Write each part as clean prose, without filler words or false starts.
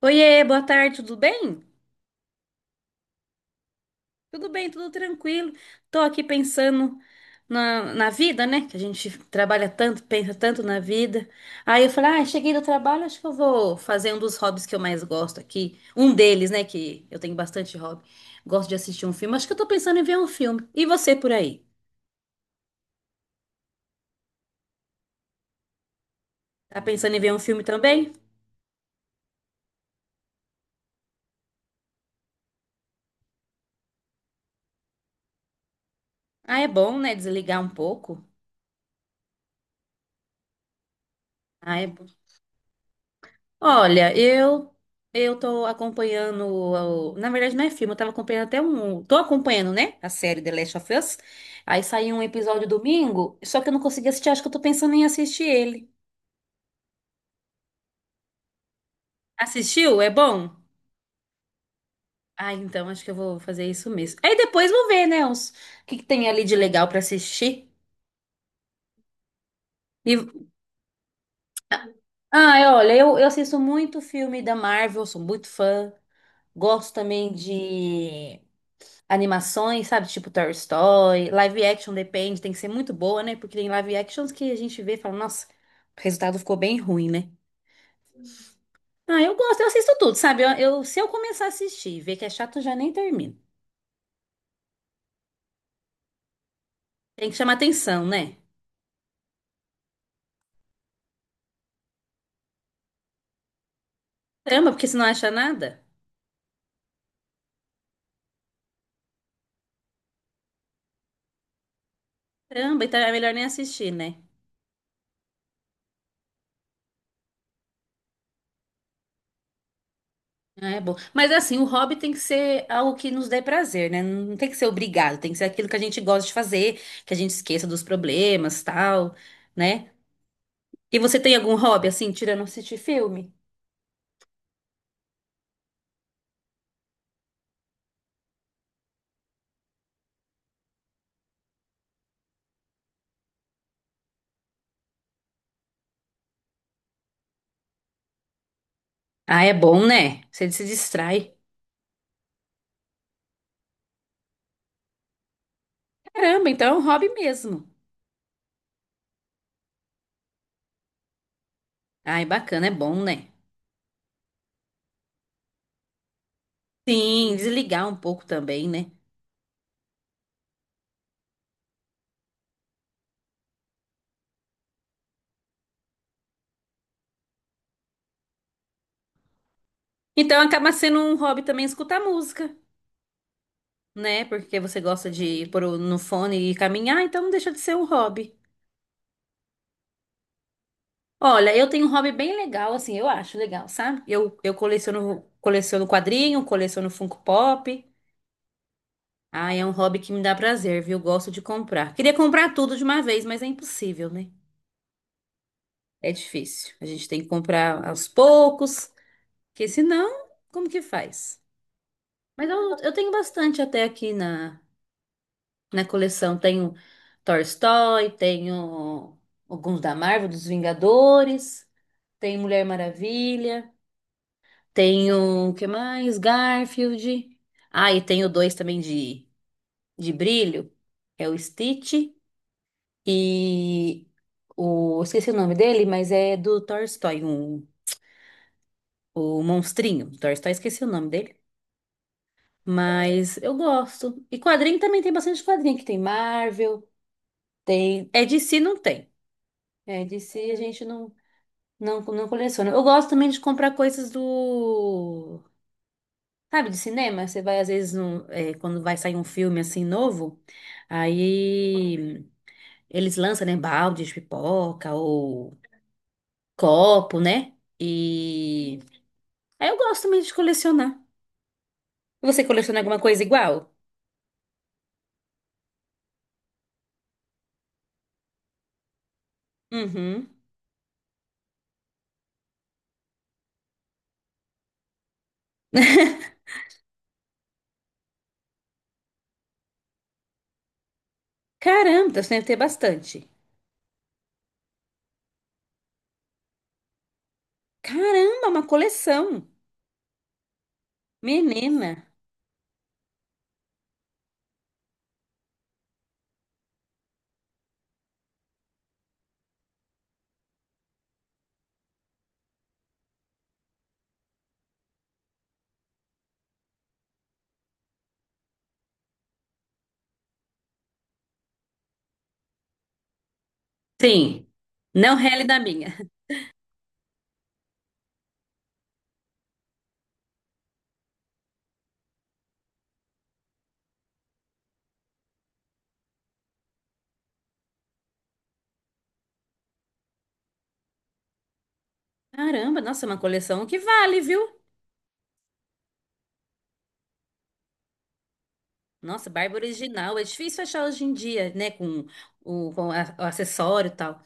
Oiê, boa tarde, tudo bem? Tudo bem, tudo tranquilo. Tô aqui pensando na vida, né? Que a gente trabalha tanto, pensa tanto na vida. Aí eu falei, ah, cheguei do trabalho, acho que eu vou fazer um dos hobbies que eu mais gosto aqui. Um deles, né? Que eu tenho bastante hobby. Gosto de assistir um filme. Acho que eu tô pensando em ver um filme. E você por aí? Tá pensando em ver um filme também? Ah, é bom, né? Desligar um pouco. Ah, é bom. Olha, eu tô acompanhando, na verdade não é filme, eu tava acompanhando até um, tô acompanhando, né, a série The Last of Us. Aí saiu um episódio domingo, só que eu não consegui assistir, acho que eu tô pensando em assistir ele. Assistiu? É bom? Ah, então acho que eu vou fazer isso mesmo. Aí depois vou ver, né, os, o que que tem ali de legal pra assistir. E, ah, olha, eu assisto muito filme da Marvel, sou muito fã. Gosto também de animações, sabe? Tipo Toy Story, live action depende, tem que ser muito boa, né? Porque tem live actions que a gente vê e fala, nossa, o resultado ficou bem ruim, né? Ah, eu gosto, eu assisto tudo, sabe? Se eu começar a assistir e ver que é chato, eu já nem termino. Tem que chamar atenção, né? Caramba, porque se não acha nada, caramba, então é melhor nem assistir, né? Ah, é bom. Mas assim, o hobby tem que ser algo que nos dê prazer, né? Não tem que ser obrigado, tem que ser aquilo que a gente gosta de fazer, que a gente esqueça dos problemas, tal, né? E você tem algum hobby assim, tirando assistir filme? Ah, é bom, né? Você se distrai. Caramba, então é um hobby mesmo. Ah, é bacana, é bom, né? Sim, desligar um pouco também, né? Então acaba sendo um hobby também escutar música, né? Porque você gosta de pôr no fone e caminhar, então não deixa de ser um hobby. Olha, eu tenho um hobby bem legal, assim, eu acho legal, sabe? Eu coleciono quadrinho, coleciono Funko Pop. Ah, é um hobby que me dá prazer, viu? Gosto de comprar. Queria comprar tudo de uma vez, mas é impossível, né? É difícil. A gente tem que comprar aos poucos, porque senão, como que faz? Mas eu tenho bastante até aqui na coleção. Tenho Toy Story, tenho alguns da Marvel, dos Vingadores, tenho Mulher Maravilha, tenho, o que mais? Garfield. Ah, e tenho dois também de brilho. É o Stitch e Esqueci o nome dele, mas é do Toy Story 1. O monstrinho, do Toy Story, esqueci o nome dele. Mas eu gosto. E quadrinho também tem bastante quadrinho, que tem Marvel, tem. É DC não tem. É DC a gente não coleciona. Eu gosto também de comprar coisas do. Sabe, de cinema? Você vai, às vezes, quando vai sair um filme assim novo, aí eles lançam, né, balde de pipoca ou copo, né? E aí eu gosto também de colecionar. Você coleciona alguma coisa igual? Uhum. Caramba, então você deve ter bastante. Caramba, uma coleção. Menina. Sim, não rele da minha. Caramba, nossa, uma coleção que vale, viu? Nossa, barba original. É difícil achar hoje em dia, né? Com o, com a- o acessório e tal.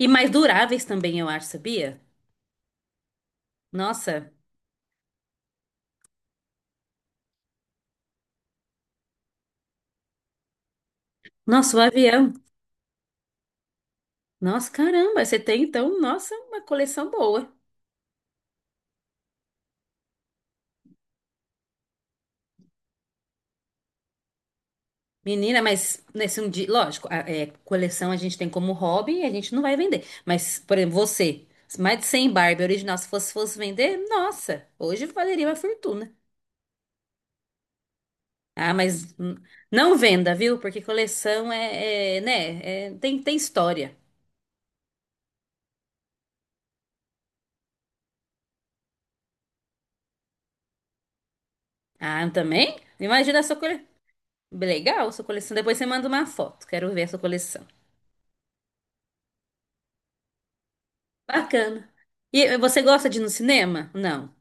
E mais duráveis também, eu acho, sabia? Nossa, nossa, o avião. Nossa, caramba, você tem então, nossa, uma coleção boa. Menina, mas nesse um dia, lógico, coleção a gente tem como hobby e a gente não vai vender. Mas, por exemplo, você, mais de 100 Barbie original, se fosse, fosse vender, nossa, hoje valeria uma fortuna. Ah, mas não venda, viu? Porque coleção é, né, tem história. Ah, também? Imagina a sua coleção. Legal, sua coleção. Depois você manda uma foto, quero ver a sua coleção. Bacana. E você gosta de ir no cinema? Não.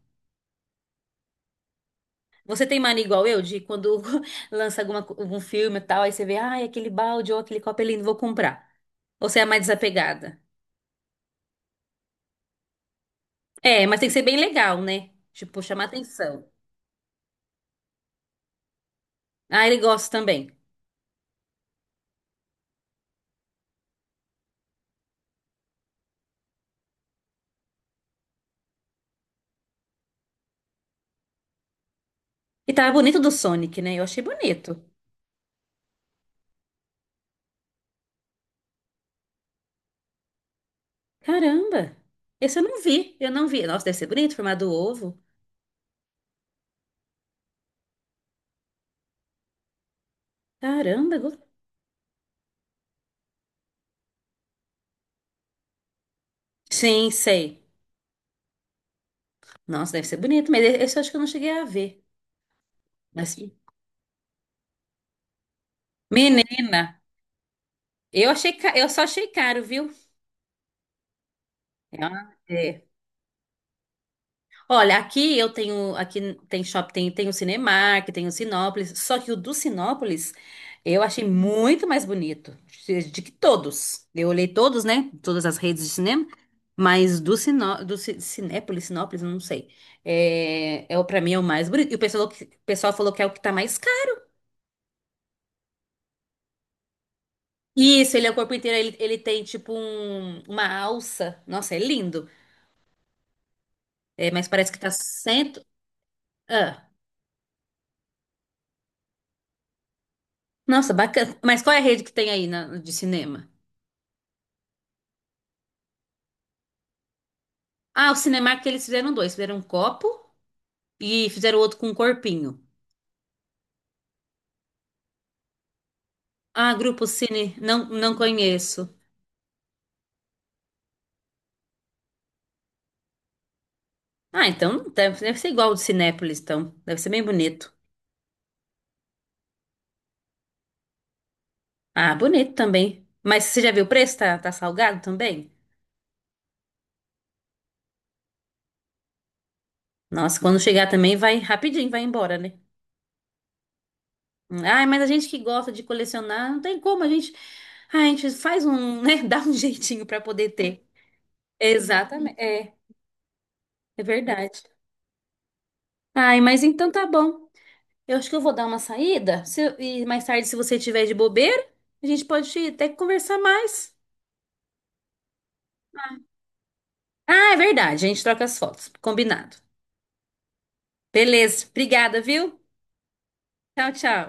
Você tem mania igual eu, de quando lança algum filme e tal, aí você vê, ai, aquele balde ou aquele copo eu não vou comprar. Ou você é mais desapegada? É, mas tem que ser bem legal, né? Tipo, chamar atenção. Ah, ele gosta também. E tava bonito do Sonic, né? Eu achei bonito. Caramba! Esse eu não vi, eu não vi. Nossa, deve ser bonito, formado ovo. Caramba! Sim, sei. Nossa, deve ser bonito, mas esse eu acho que eu não cheguei a ver. Mas, menina, eu só achei caro, viu? É, uma- é. Olha, aqui eu tenho, aqui tem shopping, tem o Cinemark, tem o Sinópolis, só que o do Sinópolis eu achei muito mais bonito de que todos. Eu olhei todos, né? Todas as redes de cinema, mas do Sinó, do Ci- Cinépolis, Sinópolis, eu não sei. É, é o Para mim é o mais bonito. E o pessoal falou que é o que tá mais caro. Isso, ele é o corpo inteiro, ele tem tipo uma alça. Nossa, é lindo. É, mas parece que tá cento. Ah, nossa, bacana. Mas qual é a rede que tem aí de cinema? Ah, o Cinemark eles fizeram dois. Fizeram um copo e fizeram outro com um corpinho. Ah, Grupo Cine, não conheço. Ah, então deve ser igual ao do Cinépolis, então. Deve ser bem bonito. Ah, bonito também. Mas você já viu o preço? Tá salgado também? Nossa, quando chegar também vai rapidinho, vai embora, né? Ah, mas a gente que gosta de colecionar, não tem como, a gente, ah, a gente faz um, né, dá um jeitinho pra poder ter. Exatamente, é verdade. Ai, mas então tá bom. Eu acho que eu vou dar uma saída. E mais tarde, se você tiver de bobeira, a gente pode até conversar mais. Ah, é verdade. A gente troca as fotos. Combinado. Beleza. Obrigada, viu? Tchau, tchau.